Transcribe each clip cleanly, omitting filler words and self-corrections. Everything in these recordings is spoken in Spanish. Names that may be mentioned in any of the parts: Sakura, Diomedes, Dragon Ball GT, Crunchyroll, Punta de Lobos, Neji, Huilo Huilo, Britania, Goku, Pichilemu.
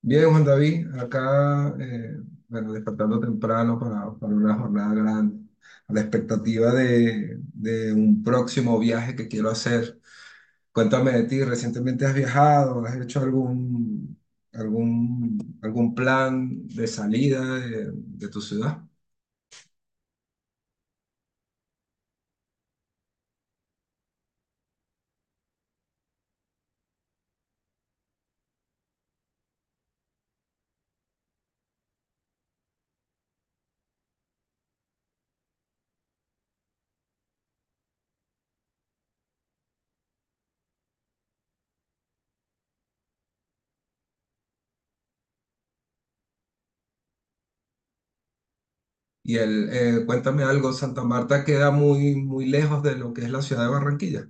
Bien, Juan David, acá, bueno, despertando temprano para una jornada grande, a la expectativa de un próximo viaje que quiero hacer. Cuéntame de ti, ¿recientemente has viajado? ¿Has hecho algún plan de salida de tu ciudad? Cuéntame algo, Santa Marta queda muy lejos de lo que es la ciudad de Barranquilla.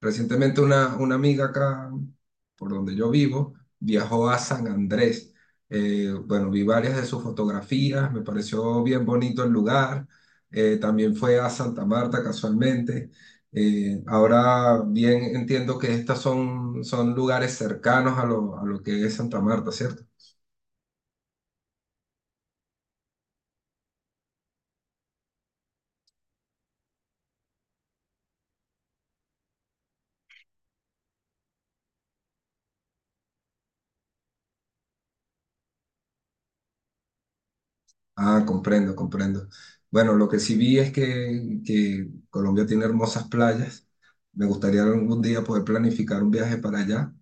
Recientemente una amiga acá por donde yo vivo, viajó a San Andrés. Bueno, Vi varias de sus fotografías, me pareció bien bonito el lugar. También fue a Santa Marta casualmente. Ahora bien, entiendo que estos son lugares cercanos a a lo que es Santa Marta, ¿cierto? Ah, comprendo, comprendo. Bueno, lo que sí vi es que Colombia tiene hermosas playas. Me gustaría algún día poder planificar un viaje para allá.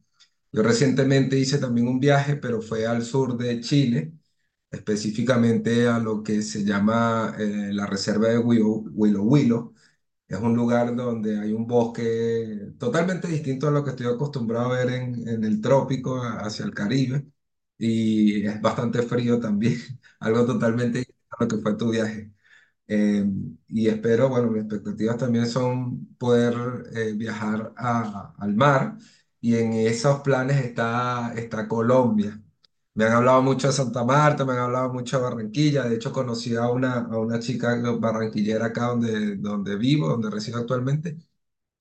Yo recientemente hice también un viaje, pero fue al sur de Chile, específicamente a lo que se llama la reserva de Huilo Huilo. Huilo. Es un lugar donde hay un bosque totalmente distinto a lo que estoy acostumbrado a ver en el trópico, hacia el Caribe, y es bastante frío también, algo totalmente distinto a lo que fue tu viaje. Eh, y espero, bueno, mis expectativas también son poder viajar al mar y en esos planes está Colombia. Me han hablado mucho de Santa Marta, me han hablado mucho de Barranquilla. De hecho, conocí a a una chica barranquillera acá donde vivo, donde resido actualmente,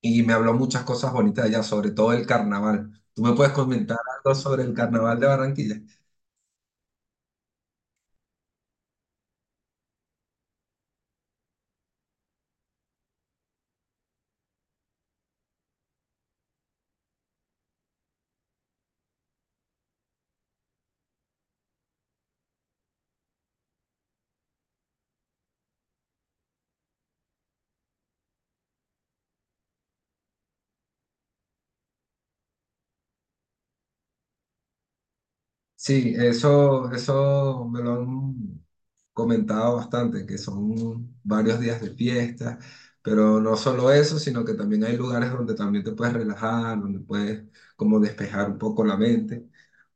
y me habló muchas cosas bonitas de allá, sobre todo el carnaval. ¿Tú me puedes comentar algo sobre el carnaval de Barranquilla? Sí, eso me lo han comentado bastante, que son varios días de fiesta, pero no solo eso, sino que también hay lugares donde también te puedes relajar, donde puedes como despejar un poco la mente.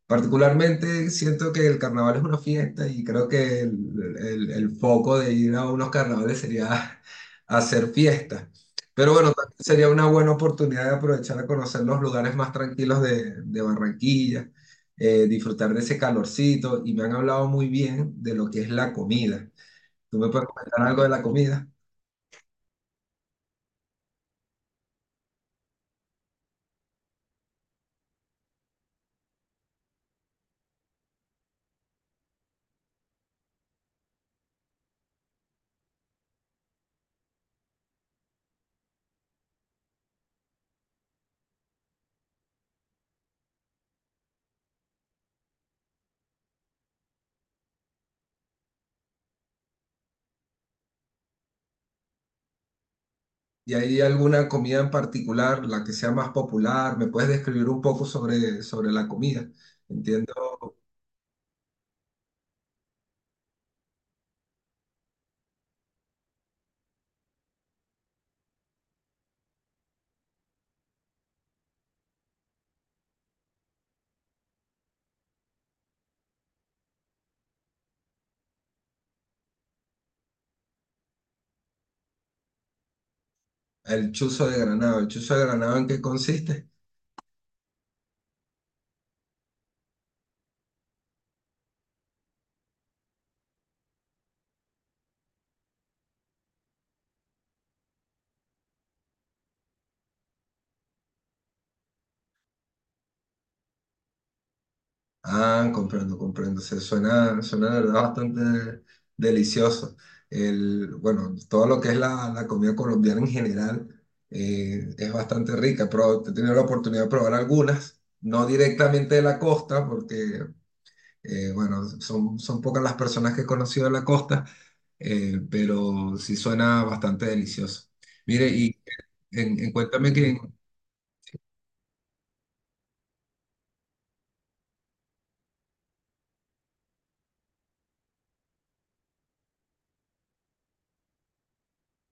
Particularmente siento que el carnaval es una fiesta y creo que el foco de ir a unos carnavales sería hacer fiesta. Pero bueno, también sería una buena oportunidad de aprovechar a conocer los lugares más tranquilos de Barranquilla, disfrutar de ese calorcito y me han hablado muy bien de lo que es la comida. ¿Tú me puedes comentar algo de la comida? ¿Y hay alguna comida en particular, la que sea más popular? ¿Me puedes describir un poco sobre la comida? Entiendo. El chuzo de Granado. ¿El chuzo de Granado en qué consiste? Ah, comprendo, comprendo. Se suena, suena de verdad bastante delicioso. El, bueno, todo lo que es la comida colombiana en general es bastante rica. Pero he tenido la oportunidad de probar algunas, no directamente de la costa, porque, bueno, son pocas las personas que he conocido de la costa, pero sí suena bastante delicioso. Mire, y cuéntame que,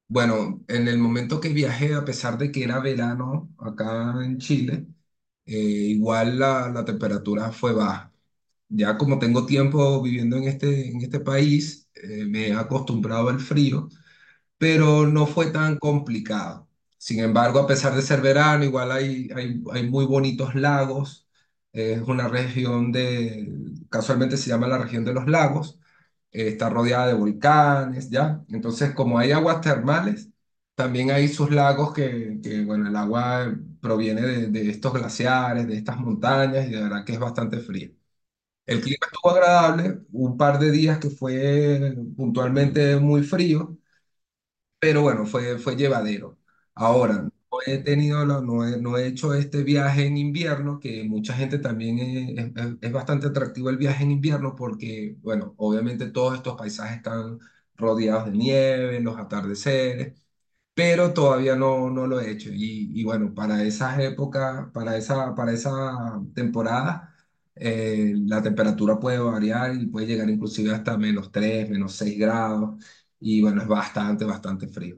bueno, en el momento que viajé, a pesar de que era verano acá en Chile, igual la temperatura fue baja. Ya como tengo tiempo viviendo en en este país, me he acostumbrado al frío, pero no fue tan complicado. Sin embargo, a pesar de ser verano, igual hay muy bonitos lagos. Es una región de, casualmente se llama la región de los lagos. Está rodeada de volcanes, ¿ya? Entonces, como hay aguas termales, también hay sus lagos que, bueno, el agua proviene de estos glaciares, de estas montañas, y de verdad que es bastante fría. El clima estuvo agradable, un par de días que fue puntualmente muy frío, pero bueno, fue, fue llevadero. Ahora, no he tenido, no he hecho este viaje en invierno, que mucha gente también es bastante atractivo el viaje en invierno porque, bueno, obviamente todos estos paisajes están rodeados de nieve, los atardeceres, pero todavía no, no lo he hecho. Y bueno, para esas épocas, para esa temporada, la temperatura puede variar y puede llegar inclusive hasta menos tres, menos 6 grados. Y bueno, es bastante, bastante frío.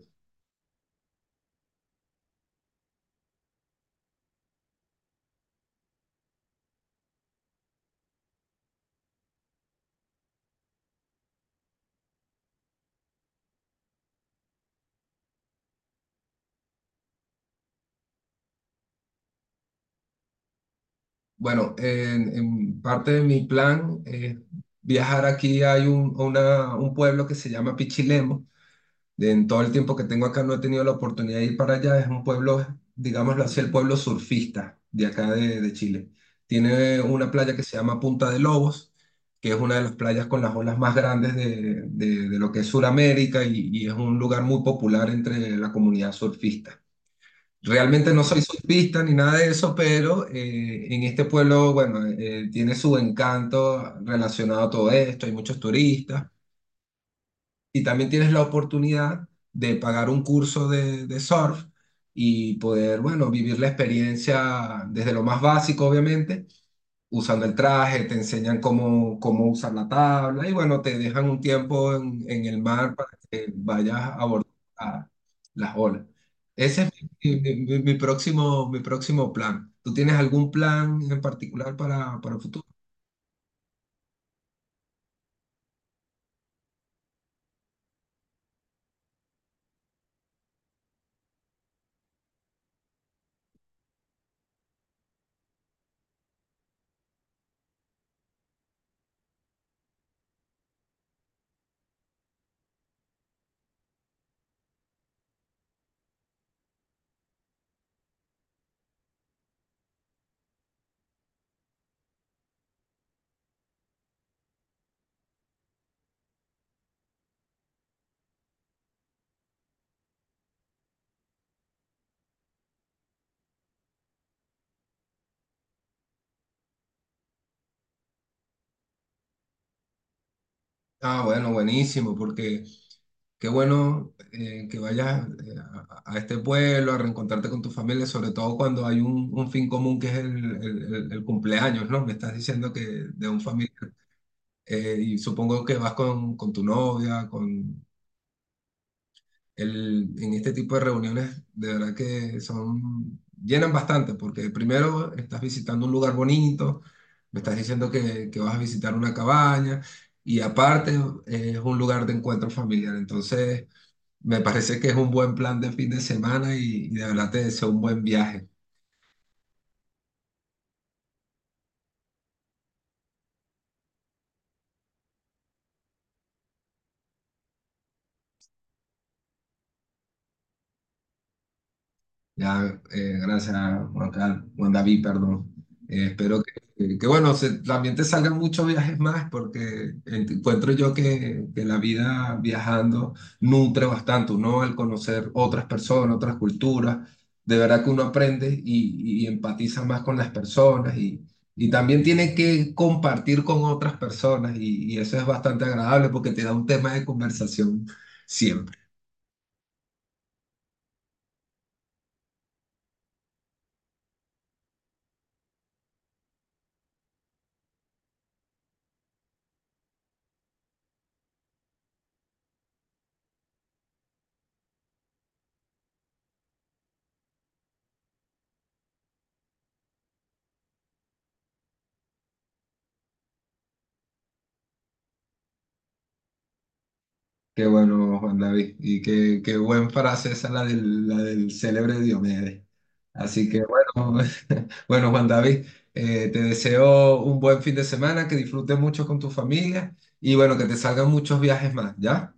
Bueno, en parte de mi plan es viajar aquí. Hay un pueblo que se llama Pichilemu. En todo el tiempo que tengo acá no he tenido la oportunidad de ir para allá. Es un pueblo, digámoslo así, el pueblo surfista de acá de Chile. Tiene una playa que se llama Punta de Lobos, que es una de las playas con las olas más grandes de lo que es Sudamérica, y es un lugar muy popular entre la comunidad surfista. Realmente no soy surfista ni nada de eso, pero en este pueblo, bueno, tiene su encanto relacionado a todo esto, hay muchos turistas y también tienes la oportunidad de pagar un curso de surf y poder, bueno, vivir la experiencia desde lo más básico, obviamente, usando el traje, te enseñan cómo usar la tabla y bueno, te dejan un tiempo en el mar para que vayas a abordar a las olas. Ese es mi próximo plan. ¿Tú tienes algún plan en particular para el futuro? Ah, bueno, buenísimo, porque qué bueno que vayas a este pueblo a reencontrarte con tu familia, sobre todo cuando hay un fin común que es el cumpleaños, ¿no? Me estás diciendo que de un familiar. Y supongo que vas con tu novia, con el, en este tipo de reuniones, de verdad que son, llenan bastante, porque primero estás visitando un lugar bonito, me estás diciendo que vas a visitar una cabaña, y aparte es un lugar de encuentro familiar. Entonces, me parece que es un buen plan de fin de semana y de verdad te deseo un buen viaje. Ya, gracias, Juan Carlos, Juan David, perdón. Espero bueno, también te salgan muchos viajes más, porque encuentro yo que la vida viajando nutre bastante, ¿no? Al conocer otras personas, otras culturas, de verdad que uno aprende y empatiza más con las personas y también tiene que compartir con otras personas y eso es bastante agradable porque te da un tema de conversación siempre. Qué bueno, Juan David. Y qué, qué buen frase esa, la del célebre Diomedes. Así que bueno, bueno, Juan David, te deseo un buen fin de semana, que disfrutes mucho con tu familia y bueno, que te salgan muchos viajes más, ¿ya?